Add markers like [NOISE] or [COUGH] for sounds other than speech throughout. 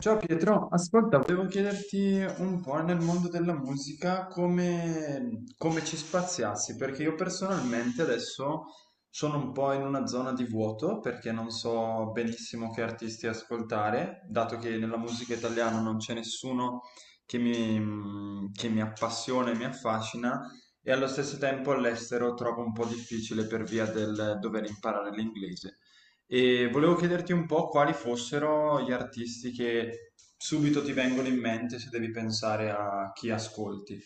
Ciao Pietro, ascolta, volevo chiederti un po' nel mondo della musica come ci spaziassi, perché io personalmente adesso sono un po' in una zona di vuoto perché non so benissimo che artisti ascoltare, dato che nella musica italiana non c'è nessuno che mi appassiona e mi affascina, e allo stesso tempo all'estero trovo un po' difficile per via del dover imparare l'inglese. E volevo chiederti un po' quali fossero gli artisti che subito ti vengono in mente se devi pensare a chi ascolti.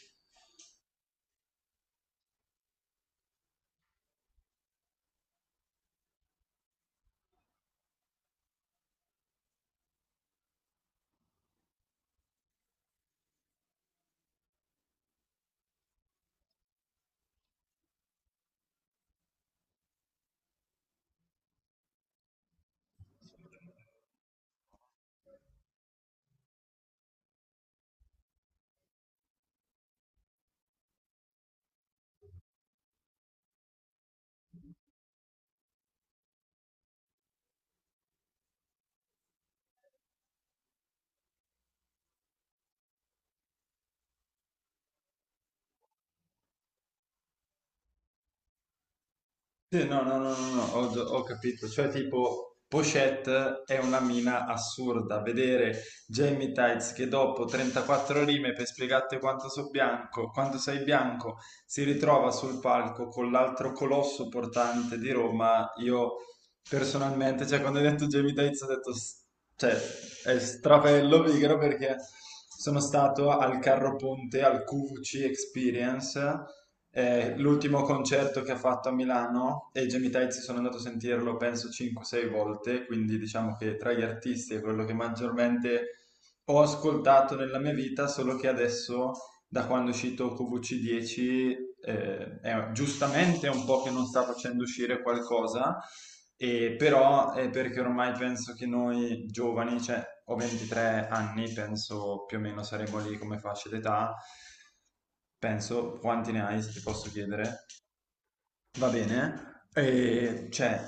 Sì, no, no, no, no, no, ho, ho capito. Cioè, tipo, Pochette è una mina assurda. Vedere Jamie Tights che dopo 34 rime per spiegarti quanto so bianco, quanto sei bianco, si ritrova sul palco con l'altro colosso portante di Roma. Io personalmente, cioè, quando hai detto Jamie Tights, ho detto, cioè, è strafello pigro perché sono stato al Carro Ponte, al QVC Experience l'ultimo concerto che ha fatto a Milano e i Jamie Tights sono andato a sentirlo penso 5-6 volte, quindi diciamo che tra gli artisti è quello che maggiormente ho ascoltato nella mia vita, solo che adesso da quando è uscito QVC10 è giustamente un po' che non sta facendo uscire qualcosa, e però è perché ormai penso che noi giovani, cioè ho 23 anni, penso più o meno saremo lì come fascia d'età. Penso, quanti ne hai, se ti posso chiedere? Va bene, cioè,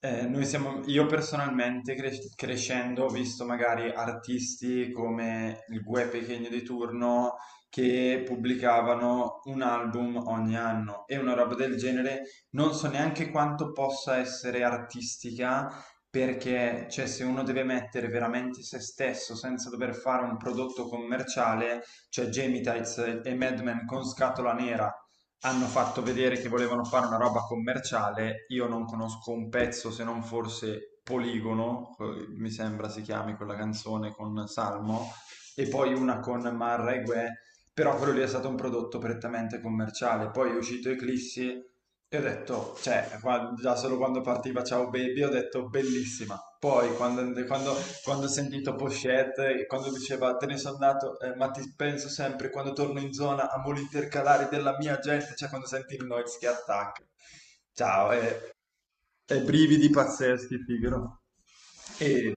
noi siamo, io personalmente crescendo ho visto magari artisti come il Guè Pequeno di turno che pubblicavano un album ogni anno e una roba del genere, non so neanche quanto possa essere artistica perché, cioè, se uno deve mettere veramente se stesso senza dover fare un prodotto commerciale, cioè Jamie Tights e Madman con Scatola Nera hanno fatto vedere che volevano fare una roba commerciale. Io non conosco un pezzo se non forse Poligono, mi sembra si chiami quella canzone con Salmo, e poi una con Marra e Guè. Però quello lì è stato un prodotto prettamente commerciale. Poi è uscito Eclissi e ho detto, cioè, guarda, già solo quando partiva Ciao Baby ho detto bellissima. Poi quando ho sentito Pochette, e quando diceva te ne sono andato, ma ti penso sempre quando torno in zona, amo l'intercalare della mia gente, cioè quando senti il noise che attacca. Ciao, e brividi pazzeschi, figaro. E,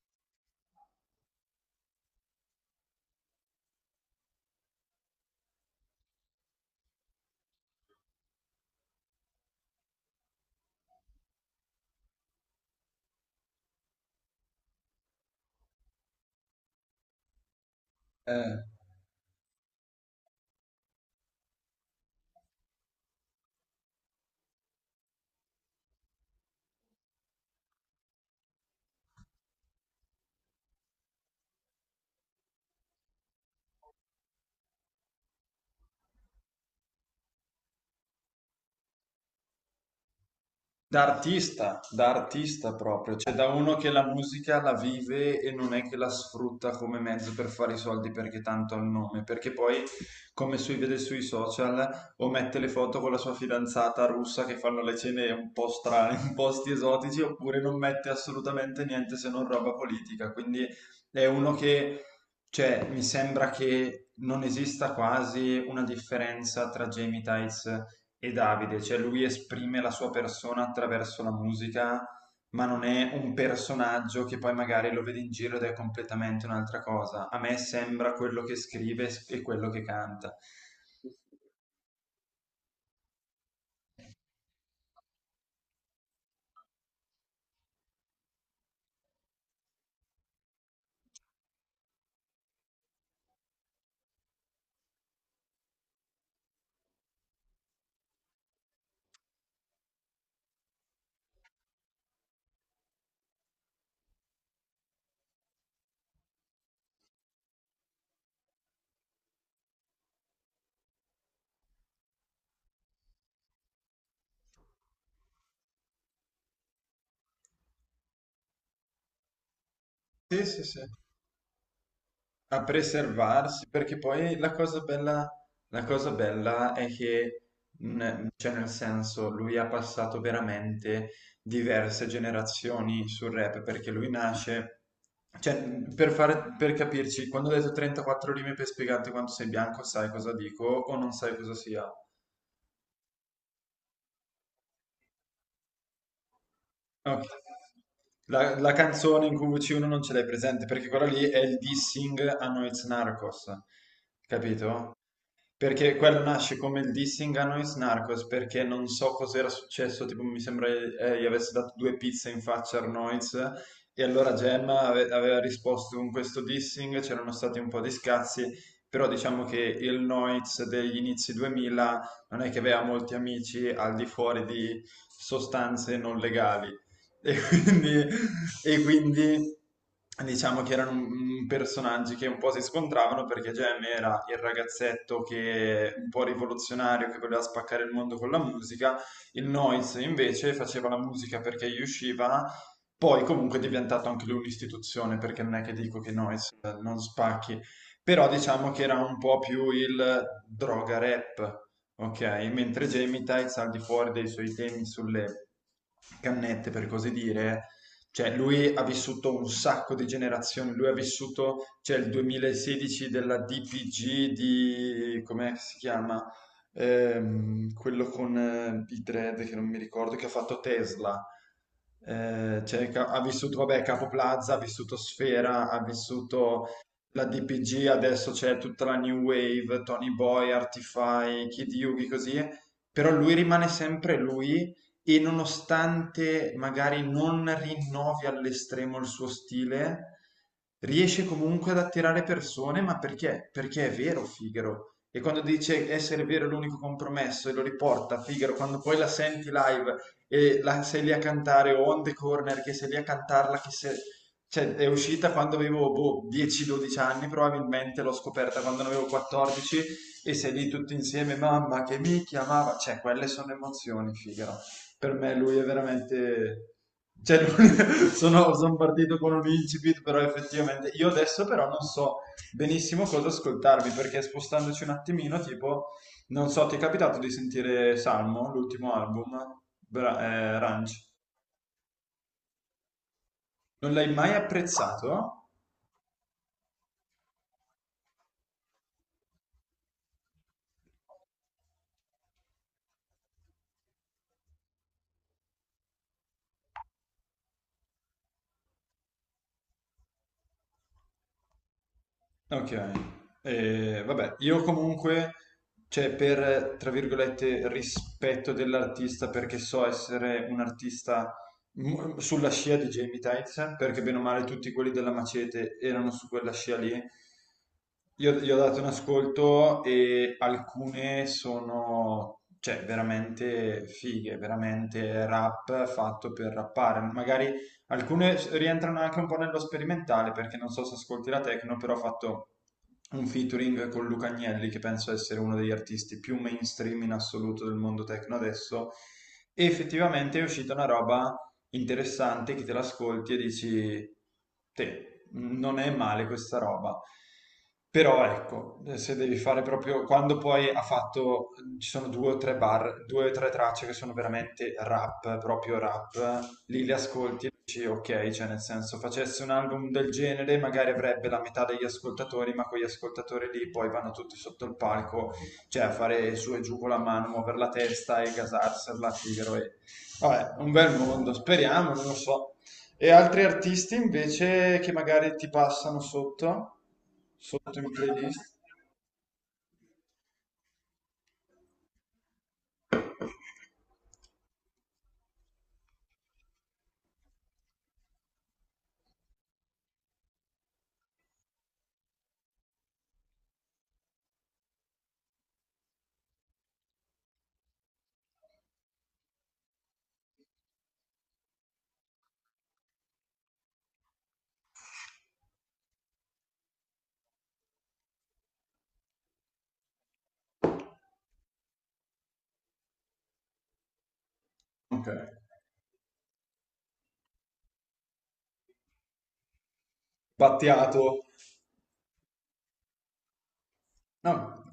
eh, da artista proprio, cioè da uno che la musica la vive e non è che la sfrutta come mezzo per fare i soldi perché tanto ha il nome, perché poi, come si vede sui social, o mette le foto con la sua fidanzata russa che fanno le cene un po' strane, [LAUGHS] in posti esotici, oppure non mette assolutamente niente se non roba politica. Quindi è uno che, cioè, mi sembra che non esista quasi una differenza tra Jamie Tights e Davide, cioè lui esprime la sua persona attraverso la musica, ma non è un personaggio che poi magari lo vede in giro ed è completamente un'altra cosa. A me sembra quello che scrive e quello che canta. Sì, sì, sì, a preservarsi, perché poi la cosa bella è che, cioè nel senso, lui ha passato veramente diverse generazioni sul rap, perché lui nasce, cioè, per fare, per capirci, quando ho detto 34 rime per spiegarti quanto sei bianco, sai cosa dico o non sai cosa sia. Ok. La canzone in cui C1 non ce l'hai presente, perché quella lì è il dissing a Noiz Narcos, capito? Perché quello nasce come il dissing a Nois Narcos, perché non so cos'era successo, tipo mi sembra gli avesse dato due pizze in faccia a Arnoiz e allora Gemma aveva risposto con questo dissing, c'erano stati un po' di scazzi, però diciamo che il Noiz degli inizi 2000 non è che aveva molti amici al di fuori di sostanze non legali. E quindi, e quindi diciamo che erano un personaggi che un po' si scontravano perché Gem era il ragazzetto che un po' rivoluzionario che voleva spaccare il mondo con la musica, il Noise invece faceva la musica perché gli usciva. Poi comunque è diventato anche lui un'istituzione, perché non è che dico che Noise non spacchi, però diciamo che era un po' più il droga rap. Ok, mentre Gemitites al di fuori dei suoi temi sulle cannette, per così dire, cioè lui ha vissuto un sacco di generazioni, lui ha vissuto, cioè il 2016 della DPG di, come si chiama? Quello con i dread che non mi ricordo, che ha fatto Tesla. Cioè, ha vissuto, vabbè, Capo Plaza, ha vissuto Sfera, ha vissuto la DPG, adesso c'è tutta la New Wave, Tony Boy, Artify, Kid Yugi, così, però lui rimane sempre lui e nonostante magari non rinnovi all'estremo il suo stile, riesce comunque ad attirare persone, ma perché? Perché è vero Figaro. E quando dice essere vero è l'unico compromesso e lo riporta Figaro, quando poi la senti live e la, sei lì a cantare o On The Corner che sei lì a cantarla che se- cioè, è uscita quando avevo boh, 10-12 anni, probabilmente l'ho scoperta quando ne avevo 14 e sei lì tutti insieme, mamma che mi chiamava, cioè quelle sono emozioni, figaro. Per me lui è veramente... Cioè, lui- [LAUGHS] sono partito con un incipit, però effettivamente io adesso però non so benissimo cosa ascoltarmi, perché spostandoci un attimino, tipo, non so, ti è capitato di sentire Salmo, l'ultimo album, Ranch? Non l'hai mai apprezzato? Ok, vabbè, io comunque, cioè per, tra virgolette, rispetto dell'artista, perché so essere un artista sulla scia di Jamie Tyson, perché bene o male tutti quelli della Macete erano su quella scia lì, io gli ho dato un ascolto e alcune sono, cioè, veramente fighe, veramente rap fatto per rappare, magari alcune rientrano anche un po' nello sperimentale, perché non so se ascolti la techno, però ho fatto un featuring con Luca Agnelli, che penso essere uno degli artisti più mainstream in assoluto del mondo techno adesso, e effettivamente è uscita una roba interessante che te l'ascolti e dici, te, non è male questa roba. Però ecco, se devi fare proprio quando poi ha fatto, ci sono due o tre bar, due o tre tracce che sono veramente rap, proprio rap, lì le ascolti dici, ok, cioè nel senso facesse un album del genere, magari avrebbe la metà degli ascoltatori, ma quegli ascoltatori lì poi vanno tutti sotto il palco, cioè a fare su e giù con la mano, muovere la testa e gasarsela a tiro. E... vabbè, un bel mondo, speriamo, non lo so. E altri artisti invece che magari ti passano sotto, sotto in playlist? Ok, Battiato. No.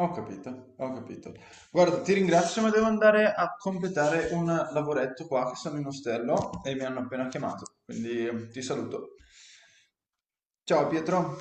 Ho capito, ho capito. Guarda, ti ringrazio, ma devo andare a completare un lavoretto qua che sono in ostello e mi hanno appena chiamato, quindi ti saluto. Ciao Pietro.